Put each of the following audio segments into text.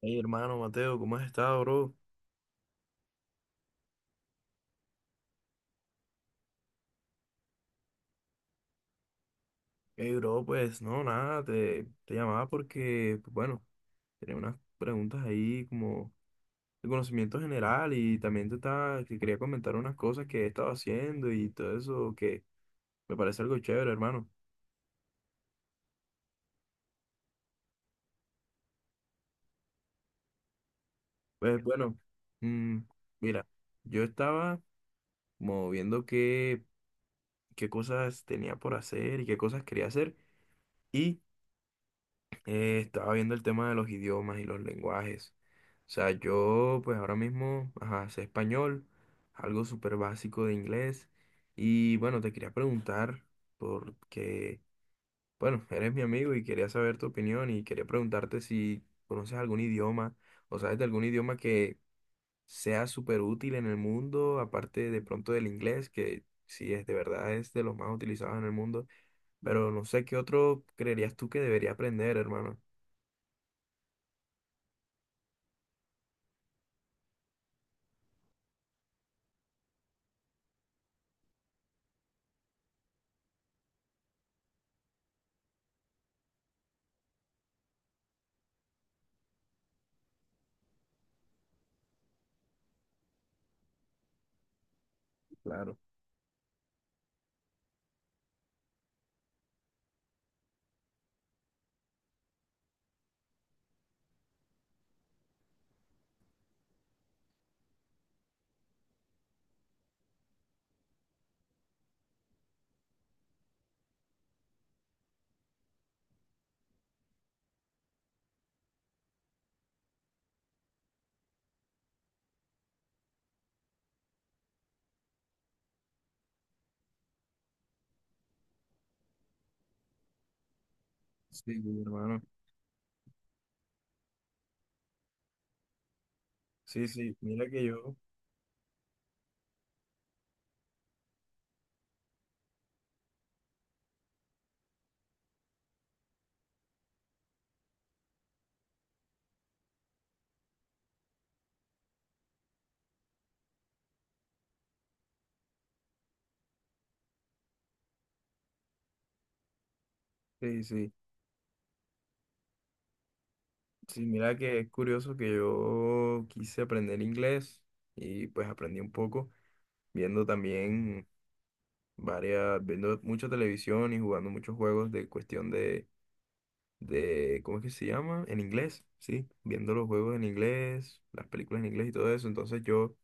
Hey, hermano Mateo, ¿cómo has estado, bro? Hey, bro, pues no, nada, te llamaba porque, pues, bueno, tenía unas preguntas ahí como de conocimiento general y también te estaba, que quería comentar unas cosas que he estado haciendo y todo eso que me parece algo chévere, hermano. Pues bueno, mm, mira, yo estaba como viendo qué cosas tenía por hacer y qué cosas quería hacer y estaba viendo el tema de los idiomas y los lenguajes. O sea, yo pues ahora mismo, ajá, sé español, algo súper básico de inglés. Y bueno, te quería preguntar, porque, bueno, eres mi amigo y quería saber tu opinión y quería preguntarte si conoces algún idioma o sabes de algún idioma que sea súper útil en el mundo, aparte de pronto del inglés, que sí es de verdad es de los más utilizados en el mundo. Pero no sé qué otro creerías tú que debería aprender, hermano. Claro. Sí, hermano. Sí, sí, mira que yo, sí, sí, sí, mira que es curioso que yo quise aprender inglés y pues aprendí un poco viendo también viendo mucha televisión y jugando muchos juegos de cuestión de, ¿cómo es que se llama? En inglés, sí, viendo los juegos en inglés, las películas en inglés y todo eso. Entonces yo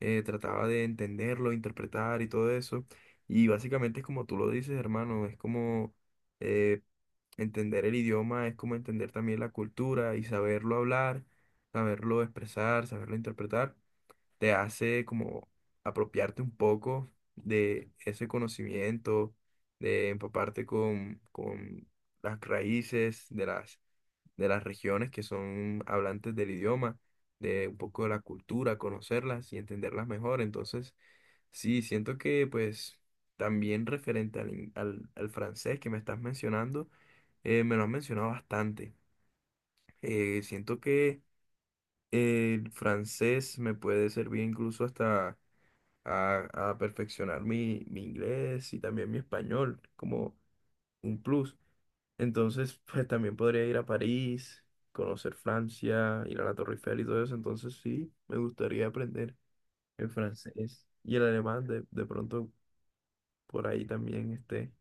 trataba de entenderlo, interpretar y todo eso. Y básicamente es como tú lo dices, hermano, es como eh, entender el idioma, es como entender también la cultura y saberlo hablar, saberlo expresar, saberlo interpretar, te hace como apropiarte un poco de ese conocimiento, de empaparte con las raíces de las regiones que son hablantes del idioma, de un poco de la cultura, conocerlas y entenderlas mejor. Entonces, sí, siento que pues también referente al francés que me estás mencionando, me lo has mencionado bastante. Siento que el francés me puede servir incluso hasta a perfeccionar mi inglés y también mi español como un plus. Entonces, pues también podría ir a París, conocer Francia, ir a la Torre Eiffel y todo eso. Entonces, sí, me gustaría aprender el francés y el alemán. De pronto, por ahí también esté.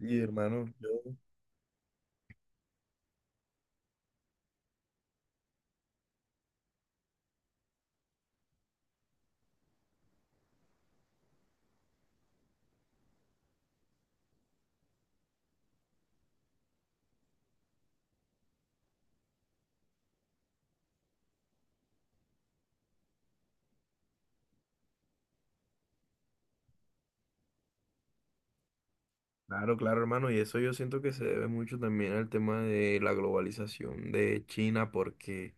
Y hermano, yo. Claro, claro, hermano. Y eso yo siento que se debe mucho también al tema de la globalización de China, porque,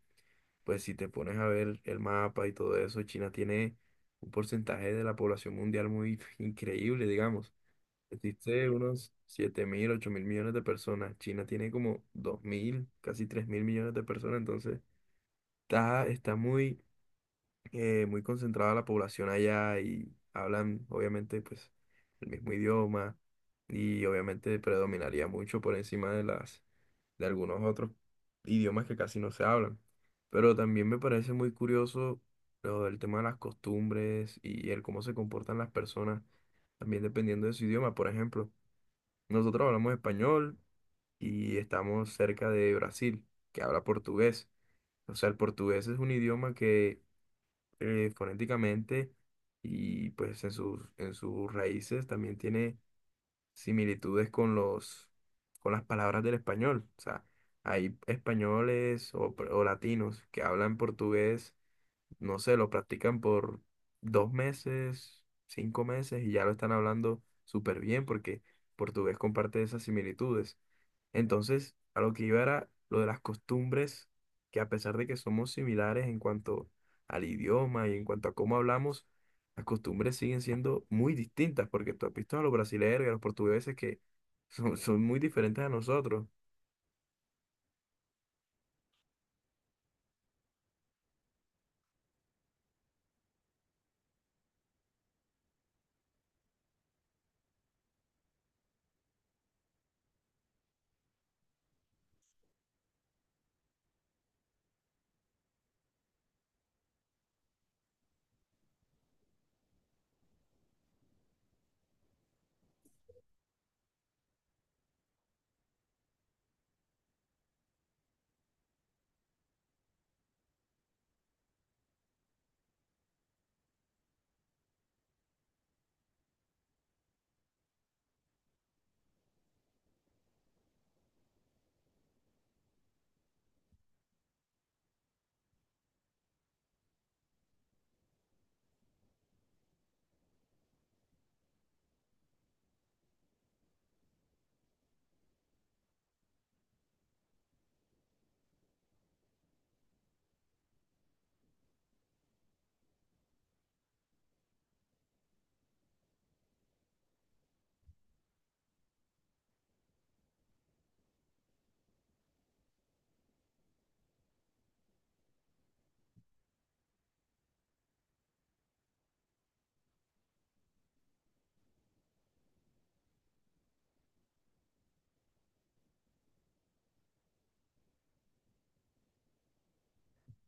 pues, si te pones a ver el mapa y todo eso, China tiene un porcentaje de la población mundial muy increíble, digamos. Existe unos 7.000, 8.000 millones de personas. China tiene como 2.000, casi 3.000 millones de personas. Entonces, está, está muy, muy concentrada la población allá y hablan, obviamente, pues el mismo idioma y obviamente predominaría mucho por encima de las, de algunos otros idiomas que casi no se hablan. Pero también me parece muy curioso lo del tema de las costumbres y el cómo se comportan las personas, también dependiendo de su idioma, por ejemplo. Nosotros hablamos español y estamos cerca de Brasil, que habla portugués. O sea, el portugués es un idioma que fonéticamente y pues en sus raíces también tiene similitudes con los, con las palabras del español. O sea, hay españoles o latinos que hablan portugués, no sé, lo practican por 2 meses, 5 meses y ya lo están hablando súper bien porque portugués comparte esas similitudes. Entonces, a lo que iba era lo de las costumbres, que a pesar de que somos similares en cuanto al idioma y en cuanto a cómo hablamos, las costumbres siguen siendo muy distintas, porque tú has visto a los brasileños y a los portugueses que son, son muy diferentes a nosotros.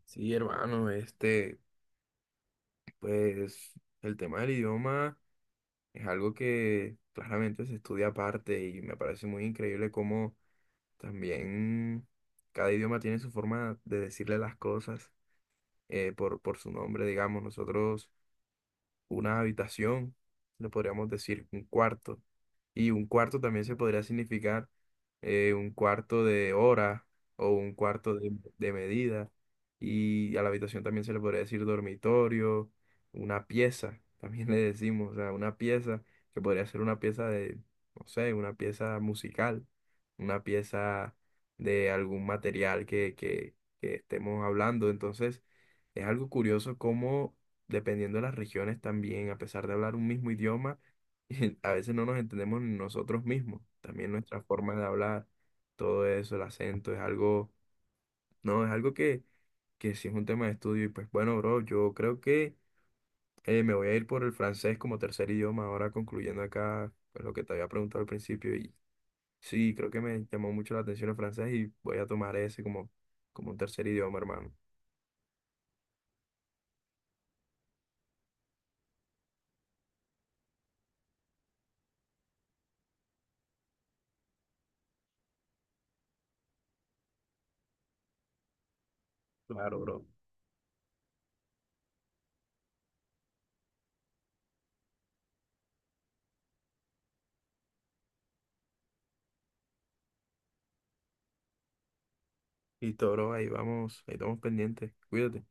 Sí, hermano, este, pues el tema del idioma es algo que claramente se estudia aparte y me parece muy increíble cómo también cada idioma tiene su forma de decirle las cosas. Por su nombre, digamos, nosotros una habitación, le podríamos decir un cuarto. Y un cuarto también se podría significar un cuarto de hora o un cuarto de medida. Y a la habitación también se le podría decir dormitorio, una pieza, también le decimos, o sea, una pieza que podría ser una pieza de, no sé, una pieza musical, una pieza de algún material que estemos hablando. Entonces, es algo curioso cómo dependiendo de las regiones también, a pesar de hablar un mismo idioma, a veces no nos entendemos ni nosotros mismos. También nuestra forma de hablar, todo eso, el acento, es algo, no, es algo que sí es un tema de estudio. Y pues bueno, bro, yo creo que me voy a ir por el francés como tercer idioma, ahora concluyendo acá pues, lo que te había preguntado al principio. Y sí, creo que me llamó mucho la atención el francés y voy a tomar ese como, un tercer idioma, hermano. Claro, bro. Listo, bro, ahí vamos, ahí estamos pendientes. Cuídate.